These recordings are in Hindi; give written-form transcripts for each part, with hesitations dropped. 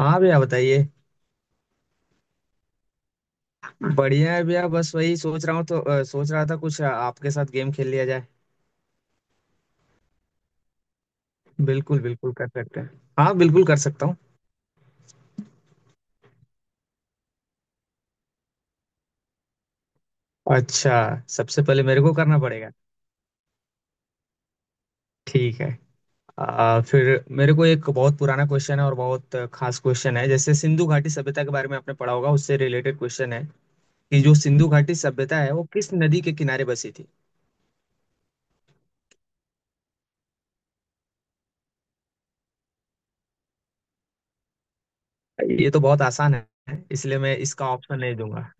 हाँ भैया बताइए। बढ़िया है भैया, बस वही सोच रहा हूँ तो सोच रहा था कुछ आपके साथ गेम खेल लिया जाए। बिल्कुल बिल्कुल कर सकते हैं। हाँ बिल्कुल कर सकता हूँ। अच्छा। सबसे पहले मेरे को करना पड़ेगा। ठीक है। फिर मेरे को एक बहुत पुराना क्वेश्चन है और बहुत खास क्वेश्चन है। जैसे सिंधु घाटी सभ्यता के बारे में आपने पढ़ा होगा, उससे रिलेटेड क्वेश्चन है कि जो सिंधु घाटी सभ्यता है वो किस नदी के किनारे बसी थी। ये तो बहुत आसान है इसलिए मैं इसका ऑप्शन नहीं दूंगा।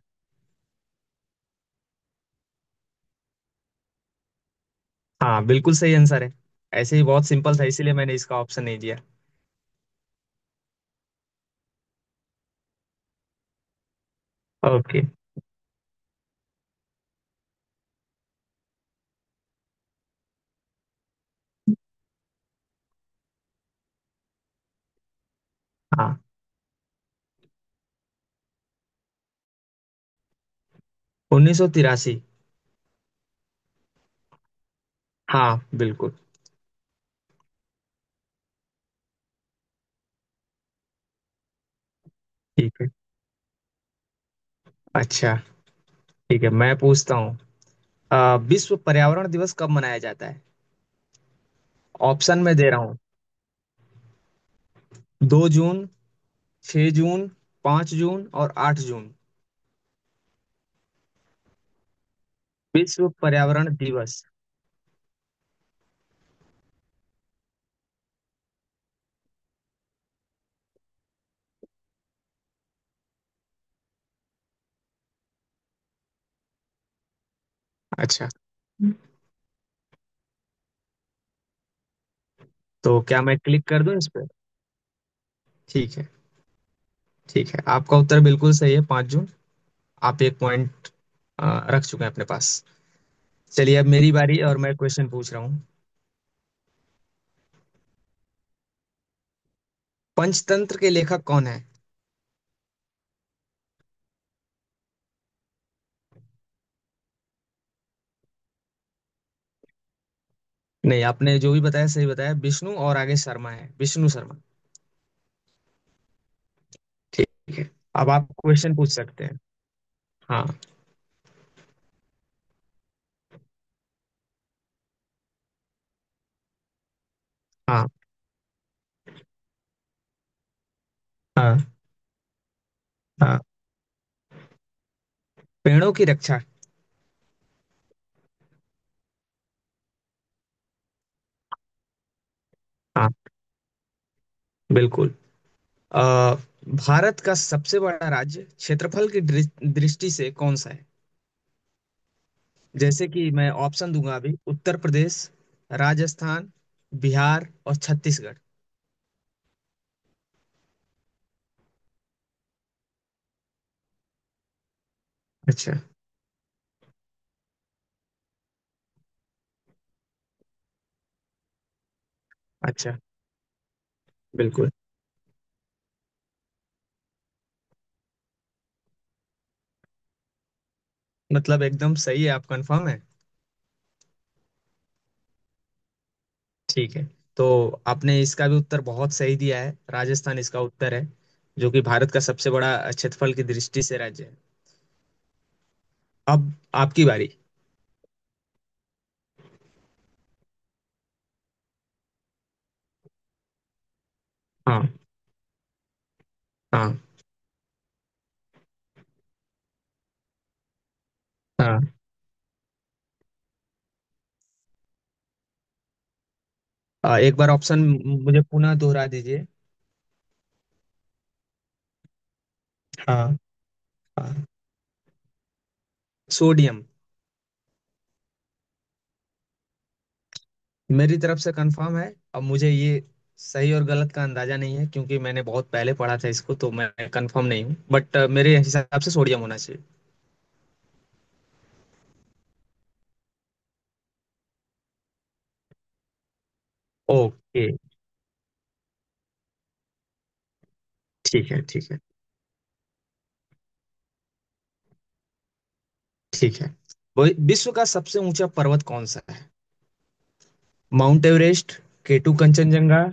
हाँ, बिल्कुल सही आंसर है। ऐसे ही बहुत सिंपल था इसीलिए मैंने इसका ऑप्शन नहीं दिया। ओके। हाँ। 1983। हाँ बिल्कुल। ठीक है। अच्छा। ठीक है, मैं पूछता हूँ। विश्व पर्यावरण दिवस कब मनाया जाता है? ऑप्शन मैं दे रहा हूँ। 2 जून, 6 जून, 5 जून और 8 जून। विश्व पर्यावरण दिवस। अच्छा। तो क्या मैं क्लिक कर दूं इस पे? ठीक है। ठीक है, आपका उत्तर बिल्कुल सही है, 5 जून। आप एक पॉइंट रख चुके हैं अपने पास। चलिए अब मेरी बारी, और मैं क्वेश्चन पूछ रहा हूँ। पंचतंत्र के लेखक कौन है? नहीं, आपने जो भी बताया सही बताया, विष्णु, और आगे शर्मा है, विष्णु शर्मा। ठीक है। अब आप क्वेश्चन पूछ सकते हैं। हाँ। हाँ। हाँ। हाँ। पेड़ों की रक्षा। हाँ बिल्कुल। अ, भारत का सबसे बड़ा राज्य क्षेत्रफल की दृष्टि से कौन सा है? जैसे कि मैं ऑप्शन दूंगा अभी। उत्तर प्रदेश, राजस्थान, बिहार और छत्तीसगढ़। अच्छा। अच्छा। बिल्कुल। मतलब एकदम सही है? आप कंफर्म है? ठीक है। तो आपने इसका भी उत्तर बहुत सही दिया है, राजस्थान इसका उत्तर है, जो कि भारत का सबसे बड़ा क्षेत्रफल की दृष्टि से राज्य है। अब आपकी बारी। हाँ। हाँ। हाँ। एक बार ऑप्शन मुझे पुनः दोहरा दीजिए। हाँ। हाँ। सोडियम। मेरी तरफ से कंफर्म है। अब मुझे ये सही और गलत का अंदाजा नहीं है, क्योंकि मैंने बहुत पहले पढ़ा था इसको, तो मैं कंफर्म नहीं हूँ, बट मेरे हिसाब से सोडियम होना चाहिए। ओके। ठीक है। ठीक है। ठीक है। विश्व का सबसे ऊंचा पर्वत कौन सा है? Mount Everest. K two, Kanchenjunga,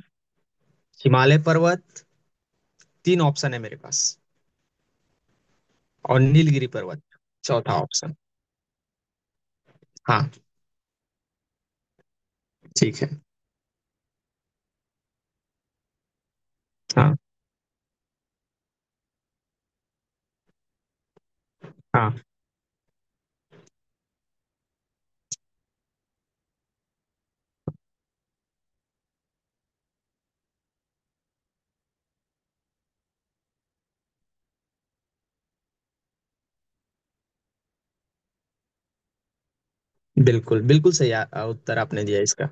Himalaya पर्वत। तीन ऑप्शन है मेरे पास। और नीलगिरी पर्वत, चौथा ऑप्शन। हाँ। ठीक है। हाँ। हाँ, बिल्कुल बिल्कुल सही आ, आ, उत्तर आपने दिया इसका।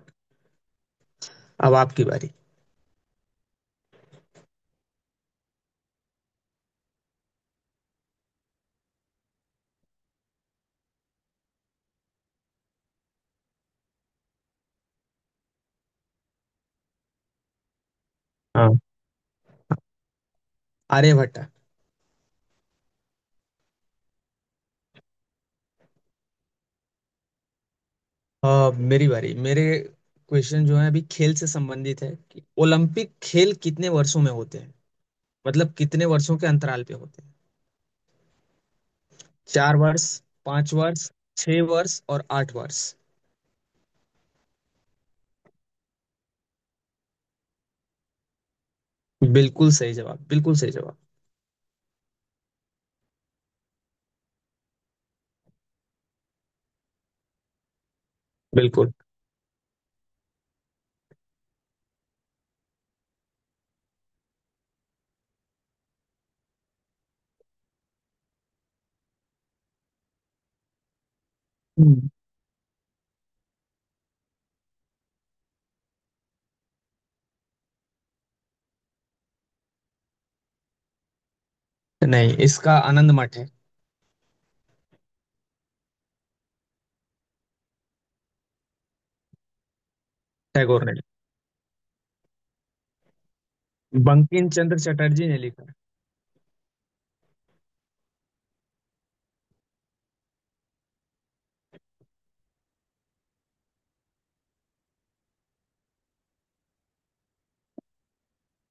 अब आपकी बारी। हाँ। आर्यभट्ट। मेरी बारी। मेरे क्वेश्चन जो है अभी खेल से संबंधित है कि ओलंपिक खेल कितने वर्षों में होते हैं, मतलब कितने वर्षों के अंतराल पे होते हैं। 4 वर्ष, 5 वर्ष, 6 वर्ष और 8 वर्ष। बिल्कुल सही जवाब, बिल्कुल सही जवाब। बिल्कुल। नहीं, इसका आनंद मठ है। टैगोर ने लिखा, बंकिम चंद्र चटर्जी ने लिखा।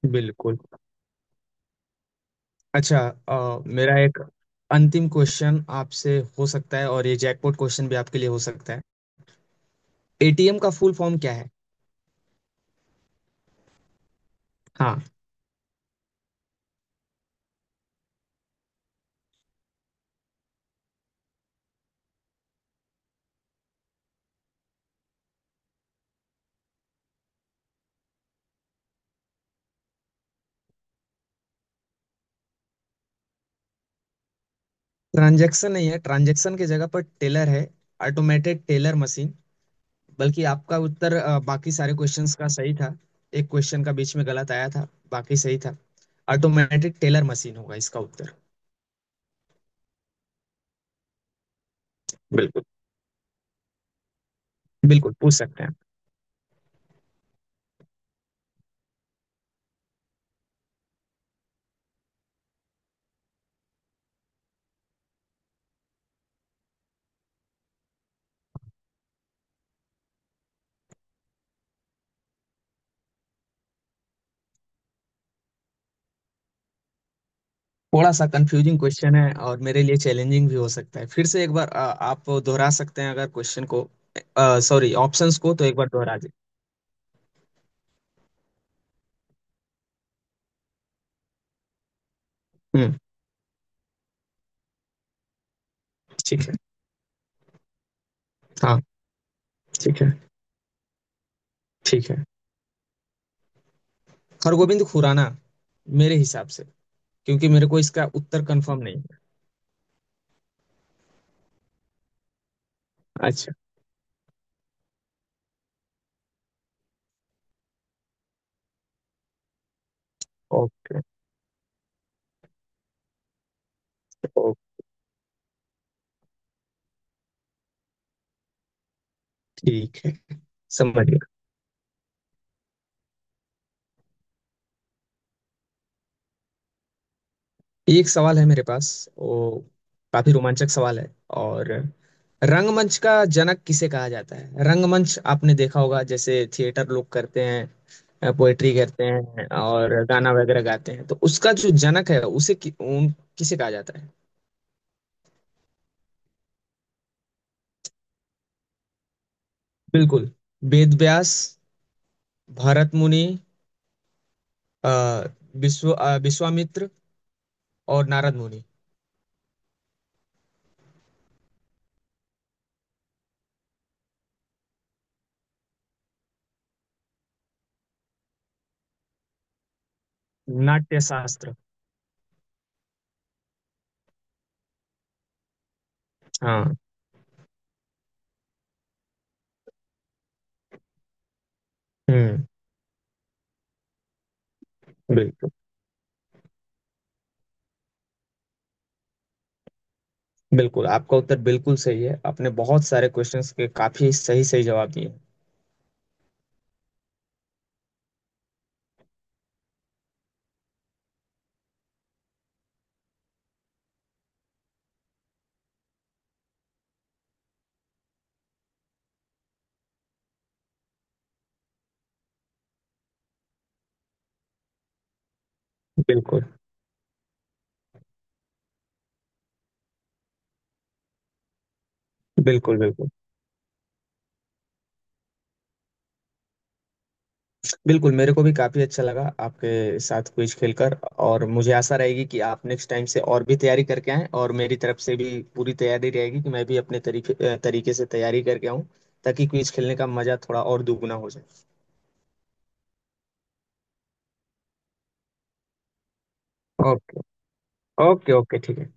है। बिल्कुल। अच्छा। मेरा एक अंतिम क्वेश्चन आपसे हो सकता है, और ये जैकपॉट क्वेश्चन भी आपके लिए हो सकता है। एटीएम का फुल फॉर्म क्या है? हाँ। ट्रांजैक्शन नहीं है, ट्रांजैक्शन की जगह पर टेलर है। Automated teller machine. बल्कि आपका उत्तर बाकी सारे क्वेश्चंस का सही था। एक क्वेश्चन का बीच में गलत आया था, बाकी सही था। ऑटोमेटेड टेलर मशीन होगा इसका उत्तर। बिल्कुल। बिल्कुल पूछ सकते हैं। थोड़ा सा कंफ्यूजिंग क्वेश्चन है, और मेरे लिए चैलेंजिंग भी हो सकता है। फिर से एक बार आप दोहरा सकते हैं अगर क्वेश्चन को? सॉरी, ऑप्शंस को तो एक बार दोहरा दें। हम्म। ठीक है। हाँ। ठीक है। ठीक है, हरगोविंद खुराना मेरे हिसाब से, क्योंकि मेरे को इसका उत्तर कंफर्म नहीं है। अच्छा। ओके। ओके। ठीक है। समझ। ये एक सवाल है मेरे पास। वो काफी रोमांचक सवाल है। और रंगमंच का जनक किसे कहा जाता है? रंगमंच आपने देखा होगा, जैसे थिएटर लोग करते हैं, पोएट्री करते हैं और गाना वगैरह गाते हैं, तो उसका जो जनक है उसे किसे कहा जाता है? बिल्कुल। वेद व्यास, भरत मुनि, अ, विश्वामित्र और नारद मुनि। नाट्य शास्त्र। हाँ। हम्म। बिल्कुल। बिल्कुल, आपका उत्तर बिल्कुल सही है। आपने बहुत सारे क्वेश्चंस के काफी सही सही जवाब दिए। बिल्कुल बिल्कुल। बिल्कुल। बिल्कुल मेरे को भी काफी अच्छा लगा आपके साथ क्विज खेलकर। और मुझे आशा रहेगी कि आप नेक्स्ट टाइम से और भी तैयारी करके आएं, और मेरी तरफ से भी पूरी तैयारी रहेगी कि मैं भी अपने तरीके से तैयारी करके आऊं, ताकि क्विज खेलने का मजा थोड़ा और दुगुना हो जाए। ओके। ओके। ओके। ठीक है।